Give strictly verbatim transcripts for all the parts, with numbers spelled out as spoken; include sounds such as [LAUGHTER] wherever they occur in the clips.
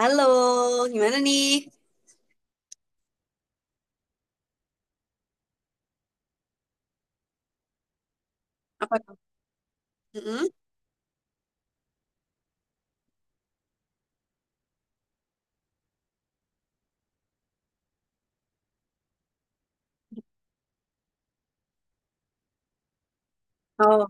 Halo, gimana nih? Apa tuh? Mm-mm. Oh,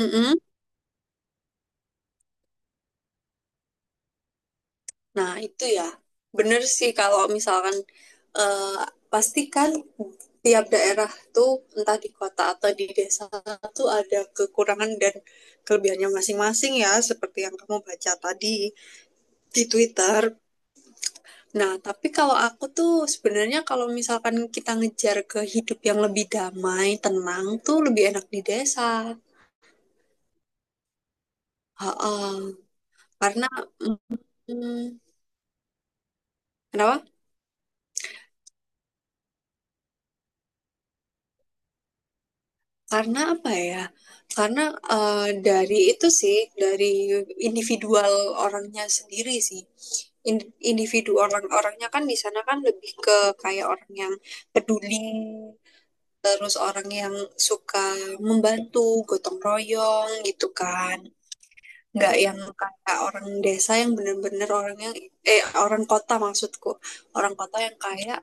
mm-mm. Nah itu ya, bener sih kalau misalkan eh, pastikan tiap daerah tuh entah di kota atau di desa tuh ada kekurangan dan kelebihannya masing-masing ya, seperti yang kamu baca tadi di Twitter. Nah, tapi kalau aku tuh sebenarnya kalau misalkan kita ngejar ke hidup yang lebih damai, tenang tuh lebih enak di desa. Ha-ha. Karena mm, Kenapa? Karena apa ya? Karena eh, dari itu sih, dari individual orangnya sendiri sih. In- individu orang-orangnya kan di sana kan lebih ke kayak orang yang peduli, terus orang yang suka membantu, gotong royong gitu kan. Nggak yang kayak orang desa yang bener-bener orangnya, eh orang kota maksudku. Orang kota yang kayak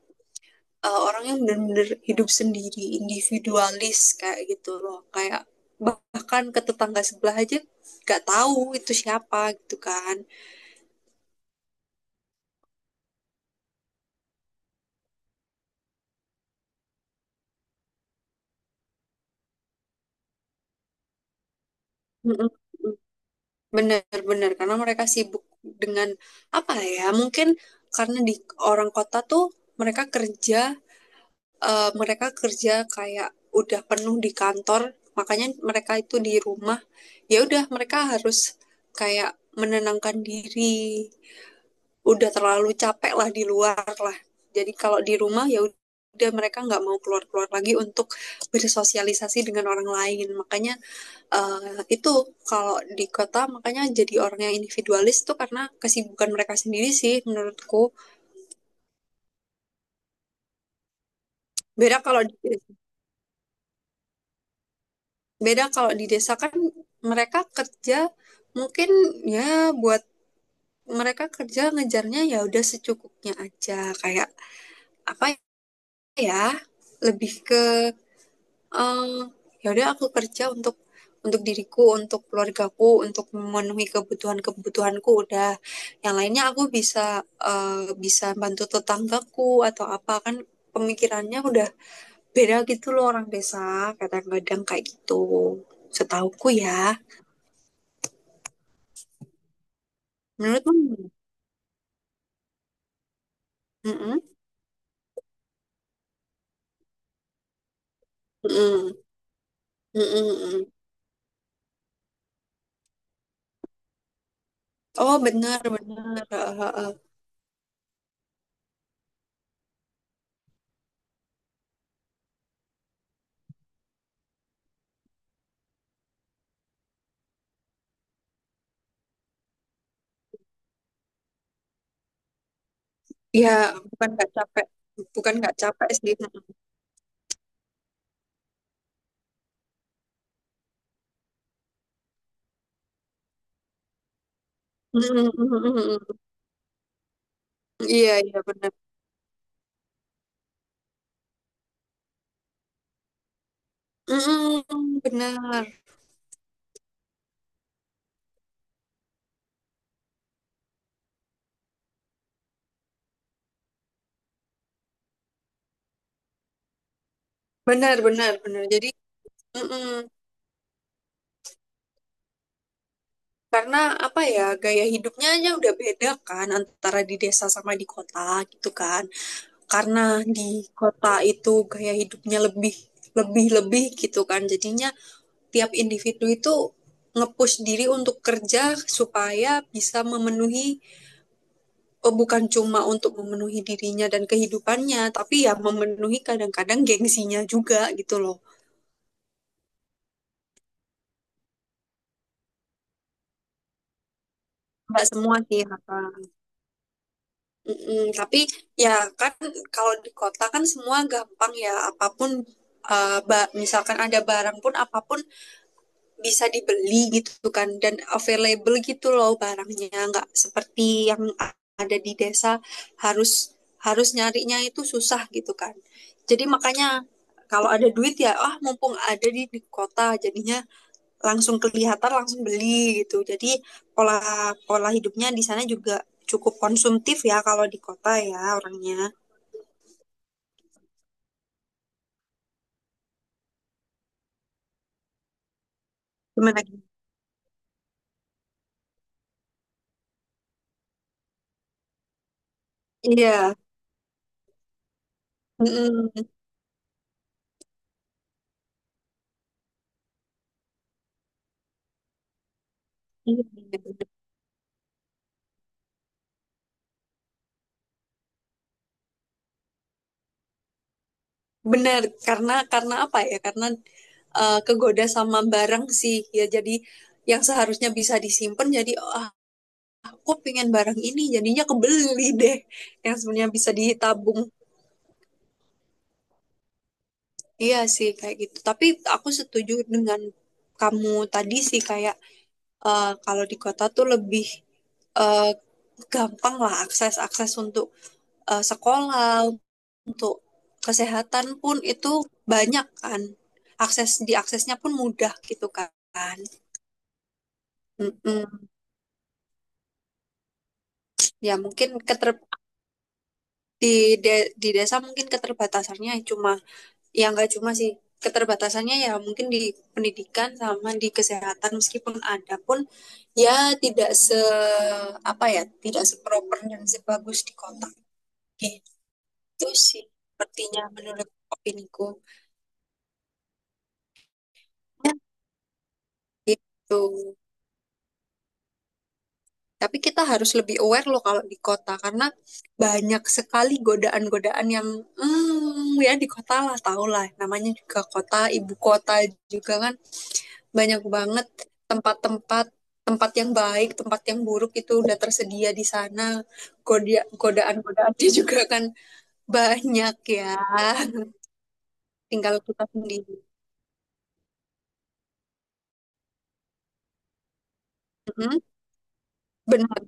eh, orang yang benar-benar hidup sendiri, individualis kayak gitu loh. Kayak bahkan ke tetangga sebelah aja nggak tahu itu siapa gitu kan. Bener-bener karena mereka sibuk dengan apa ya? Mungkin karena di orang kota tuh mereka kerja, eh, mereka kerja kayak udah penuh di kantor, makanya mereka itu di rumah. Ya udah mereka harus kayak menenangkan diri udah terlalu capek lah di luar lah, jadi kalau di rumah ya udah mereka nggak mau keluar-keluar lagi untuk bersosialisasi dengan orang lain, makanya uh, itu kalau di kota makanya jadi orang yang individualis tuh karena kesibukan mereka sendiri sih menurutku. beda kalau di, Beda kalau di desa kan mereka kerja mungkin ya buat, mereka kerja ngejarnya ya udah secukupnya aja, kayak apa ya, lebih eh ya udah aku kerja untuk untuk diriku, untuk keluargaku, untuk memenuhi kebutuhan-kebutuhanku udah. Yang lainnya aku bisa eh, bisa bantu tetanggaku atau apa kan, pemikirannya udah beda gitu loh orang desa kadang-kadang kayak gitu. Setauku ya. Menurutmu gimana? Mm-mm. Mm-mm. Mm-mm. Oh benar benar. Eh, eh, eh. Ya bukan nggak capek, bukan nggak capek sih. Mm-mm. Mm-mm. Iya iya benar. Mm-mm, benar, benar, benar, benar. Jadi, mm-mm. Karena apa ya, gaya hidupnya aja udah beda kan antara di desa sama di kota gitu kan. Karena di kota itu gaya hidupnya lebih, lebih, lebih gitu kan. Jadinya tiap individu itu ngepush diri untuk kerja supaya bisa memenuhi, oh, bukan cuma untuk memenuhi dirinya dan kehidupannya, tapi ya memenuhi kadang-kadang gengsinya juga gitu loh. Nggak semua sih. Mm-mm, tapi ya kan kalau di kota kan semua gampang ya apapun, uh, ba- misalkan ada barang pun apapun bisa dibeli gitu kan dan available gitu loh barangnya, nggak seperti yang a- ada di desa, harus harus nyarinya itu susah gitu kan. Jadi makanya kalau ada duit ya ah mumpung ada di, di kota, jadinya langsung kelihatan langsung beli gitu, jadi pola pola hidupnya di sana juga cukup konsumtif ya kalau di kota ya orangnya. Gimana, Gi? Iya. Mm-mm. Iya, iya, bener. Bener. karena karena apa ya, karena eh, kegoda sama barang sih ya, jadi yang seharusnya bisa disimpan jadi, "Ah, aku pengen barang ini jadinya kebeli deh, yang sebenarnya bisa ditabung." Iya sih kayak gitu, tapi aku setuju dengan kamu tadi sih, kayak eh, kalau di kota tuh lebih eh, gampang lah akses akses untuk eh, sekolah, untuk kesehatan pun itu banyak kan. Akses diaksesnya pun mudah gitu kan. Mm-mm. Ya mungkin keter di de- di desa mungkin keterbatasannya cuma, ya nggak cuma sih, keterbatasannya ya mungkin di pendidikan sama di kesehatan, meskipun ada pun ya tidak se apa ya, tidak seproper dan sebagus di kota. Oke. Itu sih sepertinya menurut opiniku gitu. Tapi kita harus lebih aware loh kalau di kota, karena banyak sekali godaan-godaan yang, hmm ya di kota lah, tau lah namanya juga kota ibu kota juga kan, banyak banget tempat-tempat tempat yang baik, tempat yang buruk itu udah tersedia di sana. Goda- Godaan-godaannya [LAUGHS] juga kan banyak ya. Tinggal kita sendiri. Mhm, benar.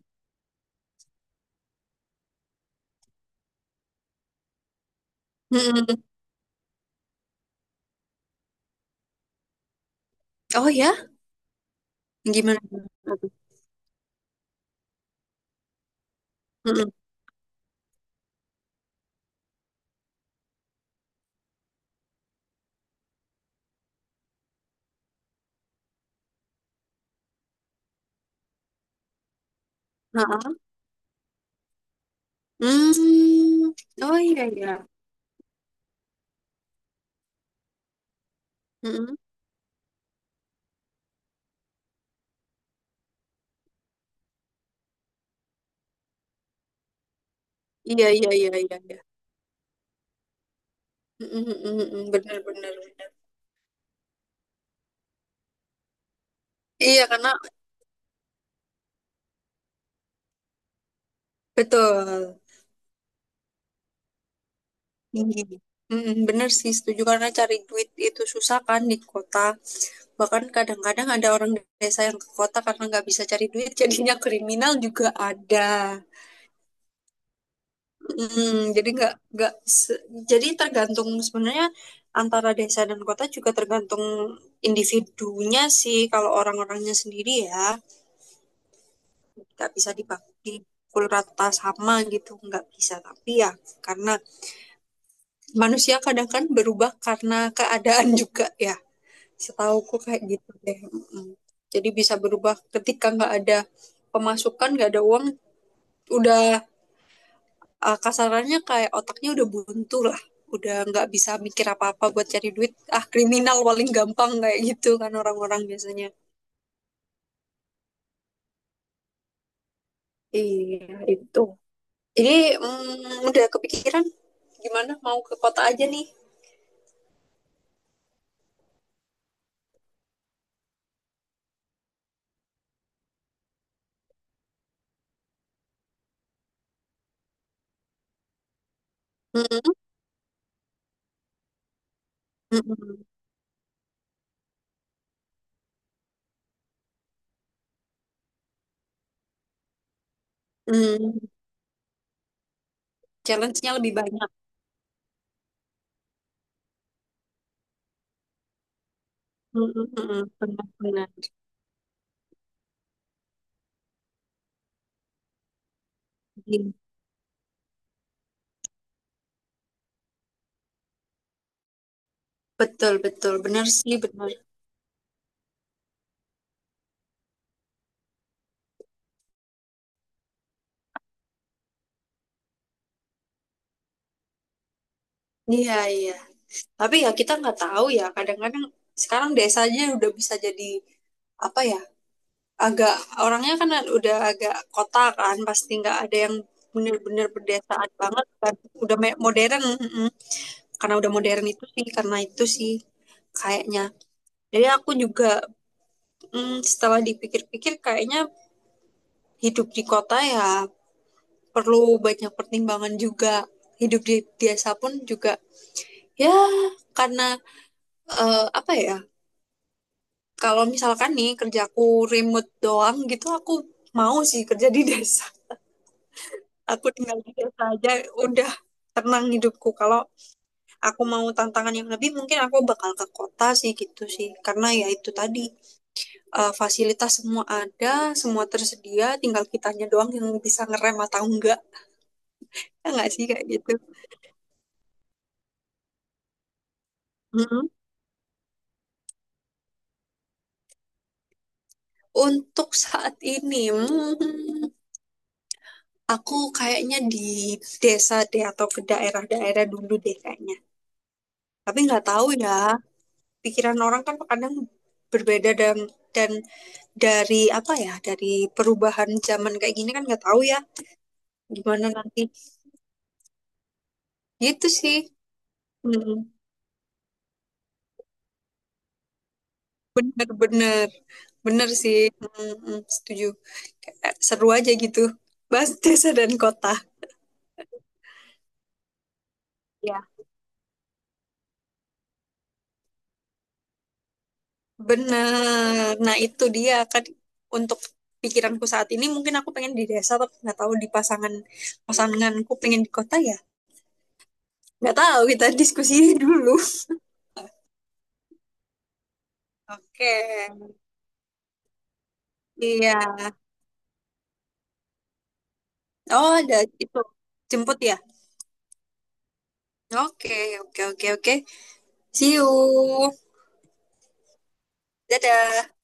Mhm. Oh ya, gimana? Mhm. Heeh. Hmm. Oh iya iya. Mm-mm. Iya iya iya iya iya. Mm-mm, mm-mm, mm-mm. Bener bener bener. Iya karena betul. Tinggi. Mm, bener sih, setuju karena cari duit itu susah kan di kota. Bahkan kadang-kadang ada orang desa yang ke kota karena nggak bisa cari duit [LAUGHS] jadinya kriminal juga ada. Mm, jadi nggak nggak se- jadi tergantung sebenarnya, antara desa dan kota juga tergantung individunya sih, kalau orang-orangnya sendiri ya. Nggak bisa dipukul rata sama gitu, nggak bisa, tapi ya karena manusia kadang kan berubah karena keadaan [LAUGHS] juga ya. Setauku kayak gitu deh. Mm. Jadi bisa berubah ketika nggak ada pemasukan, nggak ada uang, udah uh, kasarannya kayak otaknya udah buntu lah, udah nggak bisa mikir apa-apa buat cari duit, ah kriminal paling gampang kayak gitu kan orang-orang biasanya. Iya itu, jadi mm, udah kepikiran gimana mau ke kota aja nih. Mm. Mm-mm. Mm. Challenge-nya lebih banyak. Mm-mm. Benar-benar. Iya. Betul, betul. Benar sih, benar. Iya, iya. Tapi ya kita nggak tahu ya. Kadang-kadang sekarang desa aja udah bisa jadi apa ya? Agak Orangnya kan udah agak kota kan, pasti nggak ada yang benar-benar pedesaan banget kan. Udah me- modern, mm-mm. Karena udah modern itu sih, karena itu sih kayaknya. Jadi aku juga, mm, setelah dipikir-pikir kayaknya hidup di kota ya perlu banyak pertimbangan juga, hidup di desa pun juga ya, karena eh, apa ya, kalau misalkan nih kerjaku remote doang gitu, aku mau sih kerja di desa, aku tinggal di desa aja udah tenang hidupku. Kalau aku mau tantangan yang lebih mungkin aku bakal ke kota sih, gitu sih, karena ya itu tadi eh, fasilitas semua ada, semua tersedia, tinggal kitanya doang yang bisa ngerem atau enggak, ya enggak sih kayak gitu. Mm-mm. Untuk saat ini, hmm, aku kayaknya di desa deh, atau ke daerah-daerah dulu deh kayaknya. Tapi nggak tahu ya, pikiran orang kan kadang berbeda, dan dan dari apa ya, dari perubahan zaman kayak gini kan nggak tahu ya gimana nanti. Gitu sih. Hmm, bener-bener. Bener sih. Hmm, hmm, setuju. Kayak seru aja gitu. Bahas [LAUGHS] desa dan kota. Ya. Bener. Nah, itu dia kan, untuk pikiranku saat ini mungkin aku pengen di desa, tapi nggak tahu di pasangan pasanganku pengen di kota ya. Nggak tahu, kita diskusi [LAUGHS] dulu. Oke. Iya. Oh, ada itu, jemput ya. Oke, oke, oke, oke. See you. Dadah.